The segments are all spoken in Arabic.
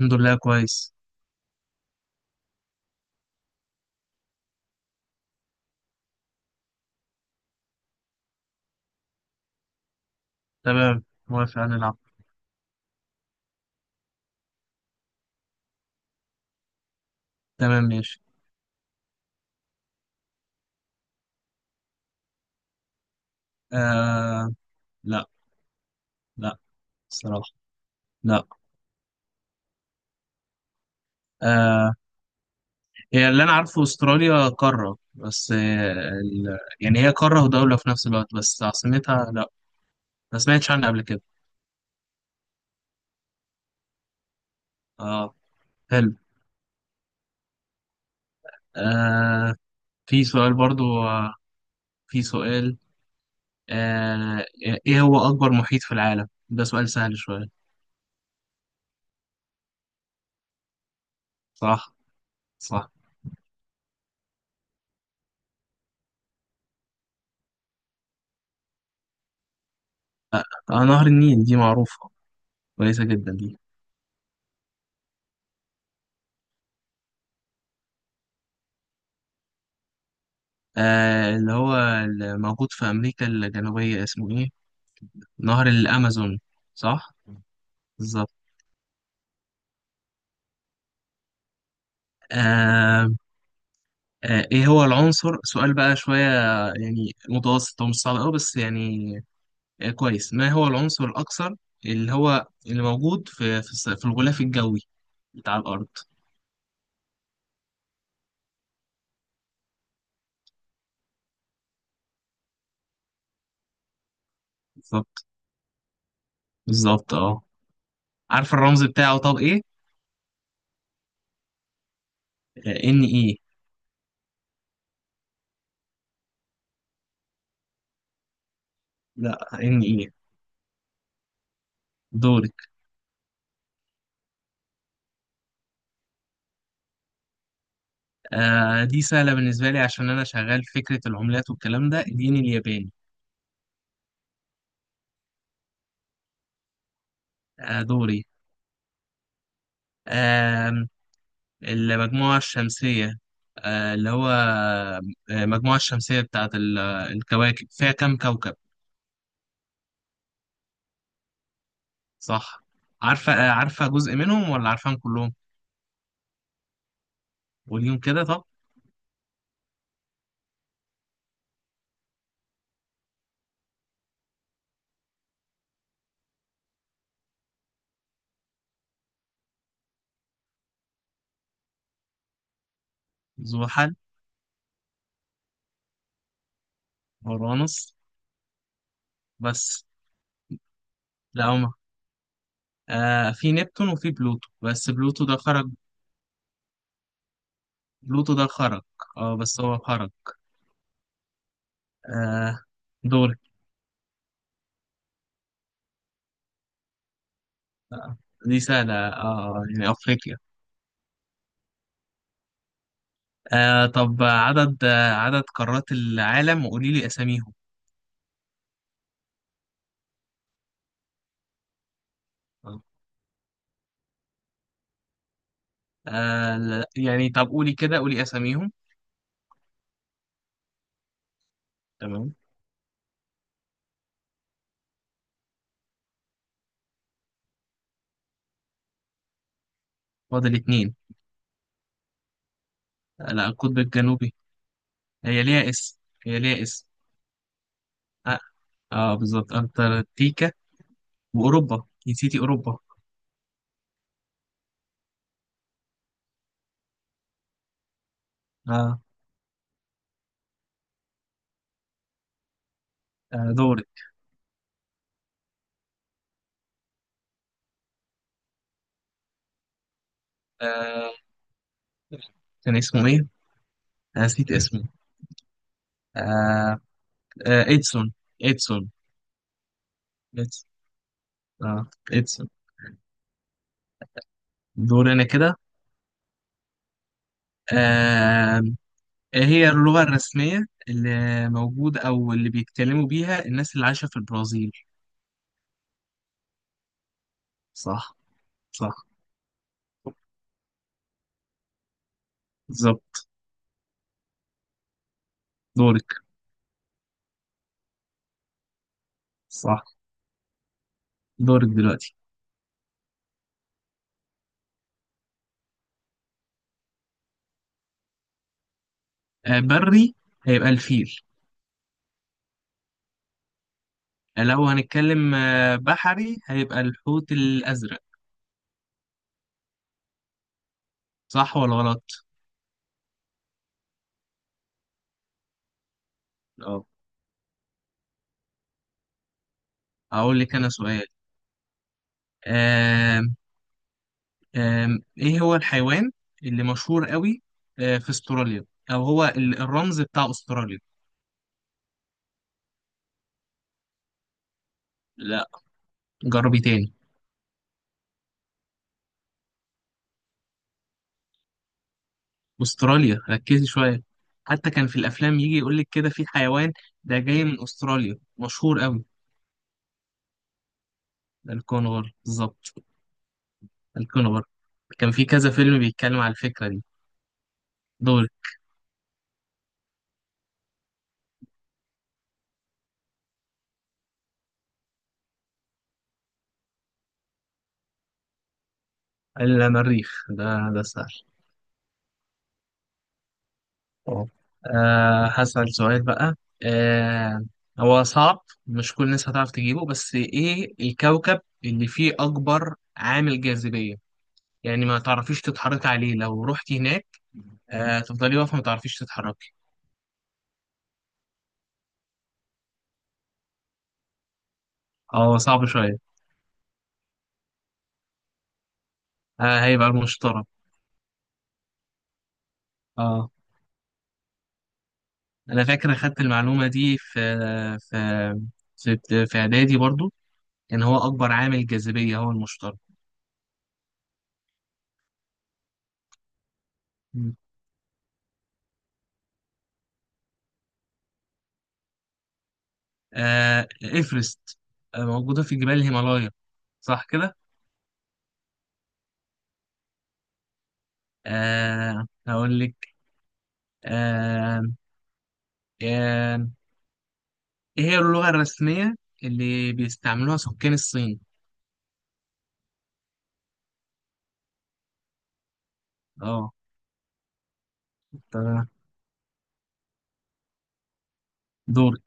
الحمد لله، كويس. تمام، موافق، هنلعب. تمام، ماشي. آه لا، لا، الصراحة لا. آه هي اللي أنا عارفه أستراليا قارة بس يعني هي قارة ودولة في نفس الوقت، بس عاصمتها لا، ما سمعتش عنها قبل كده. اه، حلو. آه في سؤال برضو، في سؤال. آه إيه هو أكبر محيط في العالم؟ ده سؤال سهل شوية. صح، صح. نهر النيل، دي معروفة، كويسة جدا دي. اللي هو اللي موجود في أمريكا الجنوبية اسمه إيه؟ نهر الأمازون، صح؟ بالظبط. آه إيه هو العنصر؟ سؤال بقى شوية، يعني متوسط، هو مش صعب أوي بس يعني كويس. ما هو العنصر الأكثر اللي هو اللي موجود في الغلاف الجوي بتاع الأرض. بالظبط، بالظبط، عارف الرمز بتاعه طب إيه؟ إن إيه. لا، إن إيه. دورك. دي سهلة بالنسبة لي عشان أنا شغال في فكرة العملات والكلام ده، الين الياباني. دوري. آم، المجموعة الشمسية، اللي هو المجموعة الشمسية بتاعت الكواكب، فيها كم كوكب؟ صح. عارفة جزء منهم ولا عارفاهم كلهم؟ قوليهم كده طب. زحل. اورانوس. بس لا، هما في نبتون وفي بلوتو، بس بلوتو ده خرج. بلوتو ده خرج. اه بس هو خرج. آه، دوري. آه، دي سهلة، يعني أفريقيا. طب عدد عدد قارات العالم، وقولي لي أساميهم. آه. لا، يعني طب قولي كده، قولي اساميهم. تمام. فاضل اتنين. لا، القطب الجنوبي. هي ليها اسم، هي ليها اسم. اه, بالظبط، انتاركتيكا. واوروبا، نسيتي اوروبا. اه, دوري. آه كان اسمه ايه؟ نسيت اسمه. آه ادسون، ادسون. ادسون. اه، ادسون. دوري انا كده. آه إيه هي اللغة الرسمية اللي موجودة او اللي بيتكلموا بيها الناس اللي عايشة في البرازيل؟ صح، صح. بالظبط. دوري. صح. دورك دلوقتي. بري هيبقى الفيل. لو هنتكلم بحري هيبقى الحوت الأزرق. صح ولا غلط؟ اه. أقول لك أنا سؤال. آم، آم، إيه هو الحيوان اللي مشهور قوي في أستراليا، أو هو الرمز بتاع أستراليا؟ لا، جربي تاني. أستراليا، ركزي شوية. حتى كان في الأفلام يجي يقول لك كده في حيوان ده جاي من أستراليا مشهور قوي. ده الكونغر بالظبط. الكونغر. كان في كذا فيلم بيتكلم على الفكرة دي. دول. المريخ ده سهل. اه. هسأل سؤال بقى. أه هو صعب، مش كل الناس هتعرف تجيبه، بس ايه الكوكب اللي فيه أكبر عامل جاذبية؟ يعني ما تعرفيش تتحركي عليه لو رحتي هناك. تفضلي واقفة ما تعرفيش تتحركي. اه صعب شوية. هيبقى المشتري. اه. أنا فاكر أخدت المعلومة دي في، في، إعدادي برضو. يعني هو أكبر عامل جاذبية هو المشتري. مم. إيفرست. موجودة في جبال الهيمالايا، صح كده؟ هقول لك. آه آه إيه هي اللغة الرسمية اللي بيستعملوها سكان الصين؟ أه تمام. دورك.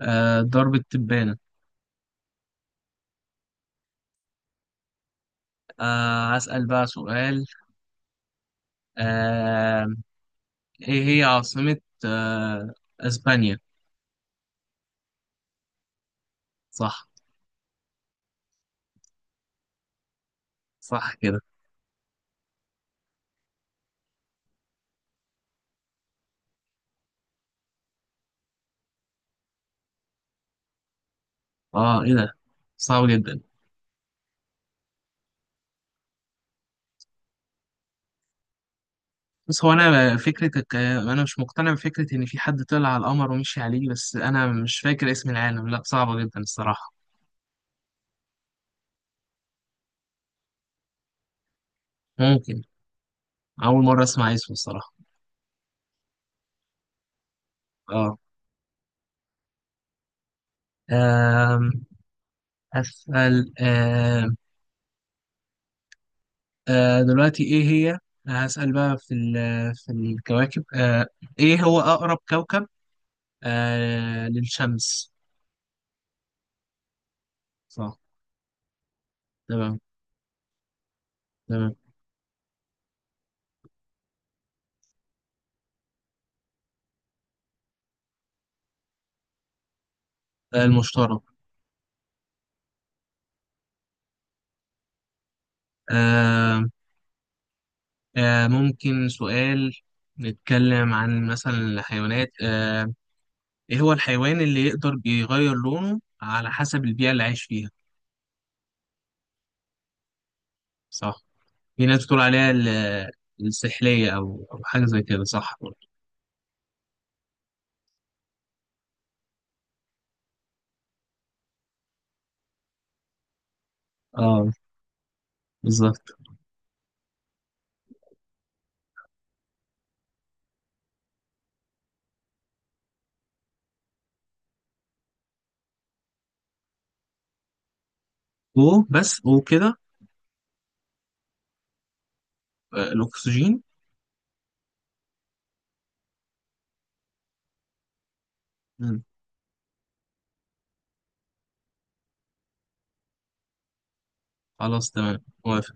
ضرب التبانة. أسأل بقى سؤال. آه إيه هي عاصمة آه أسبانيا؟ صح. صح كده. إيه ده؟ صعب جدا. بس هو انا فكرتك انا مش مقتنع بفكره ان في حد طلع على القمر ومشي عليه، بس انا مش فاكر اسم العالم، لا صعبه جدا الصراحه. ممكن. اول مره اسمع اسمه الصراحه. اه. آم، اسال. آم، آه، دلوقتي ايه هي؟ هسال بقى في الكواكب، ايه هو اقرب كوكب للشمس؟ صح. تمام، تمام. المشتري. آم، ممكن سؤال، نتكلم عن مثلا الحيوانات، ايه هو الحيوان اللي يقدر بيغير لونه على حسب البيئة اللي عايش فيها؟ صح. في ناس بتقول عليها السحلية، أو حاجة زي كده، صح برضه. اه، بالظبط. و، بس و كده. الأكسجين. مم. خلاص، تمام، موافق.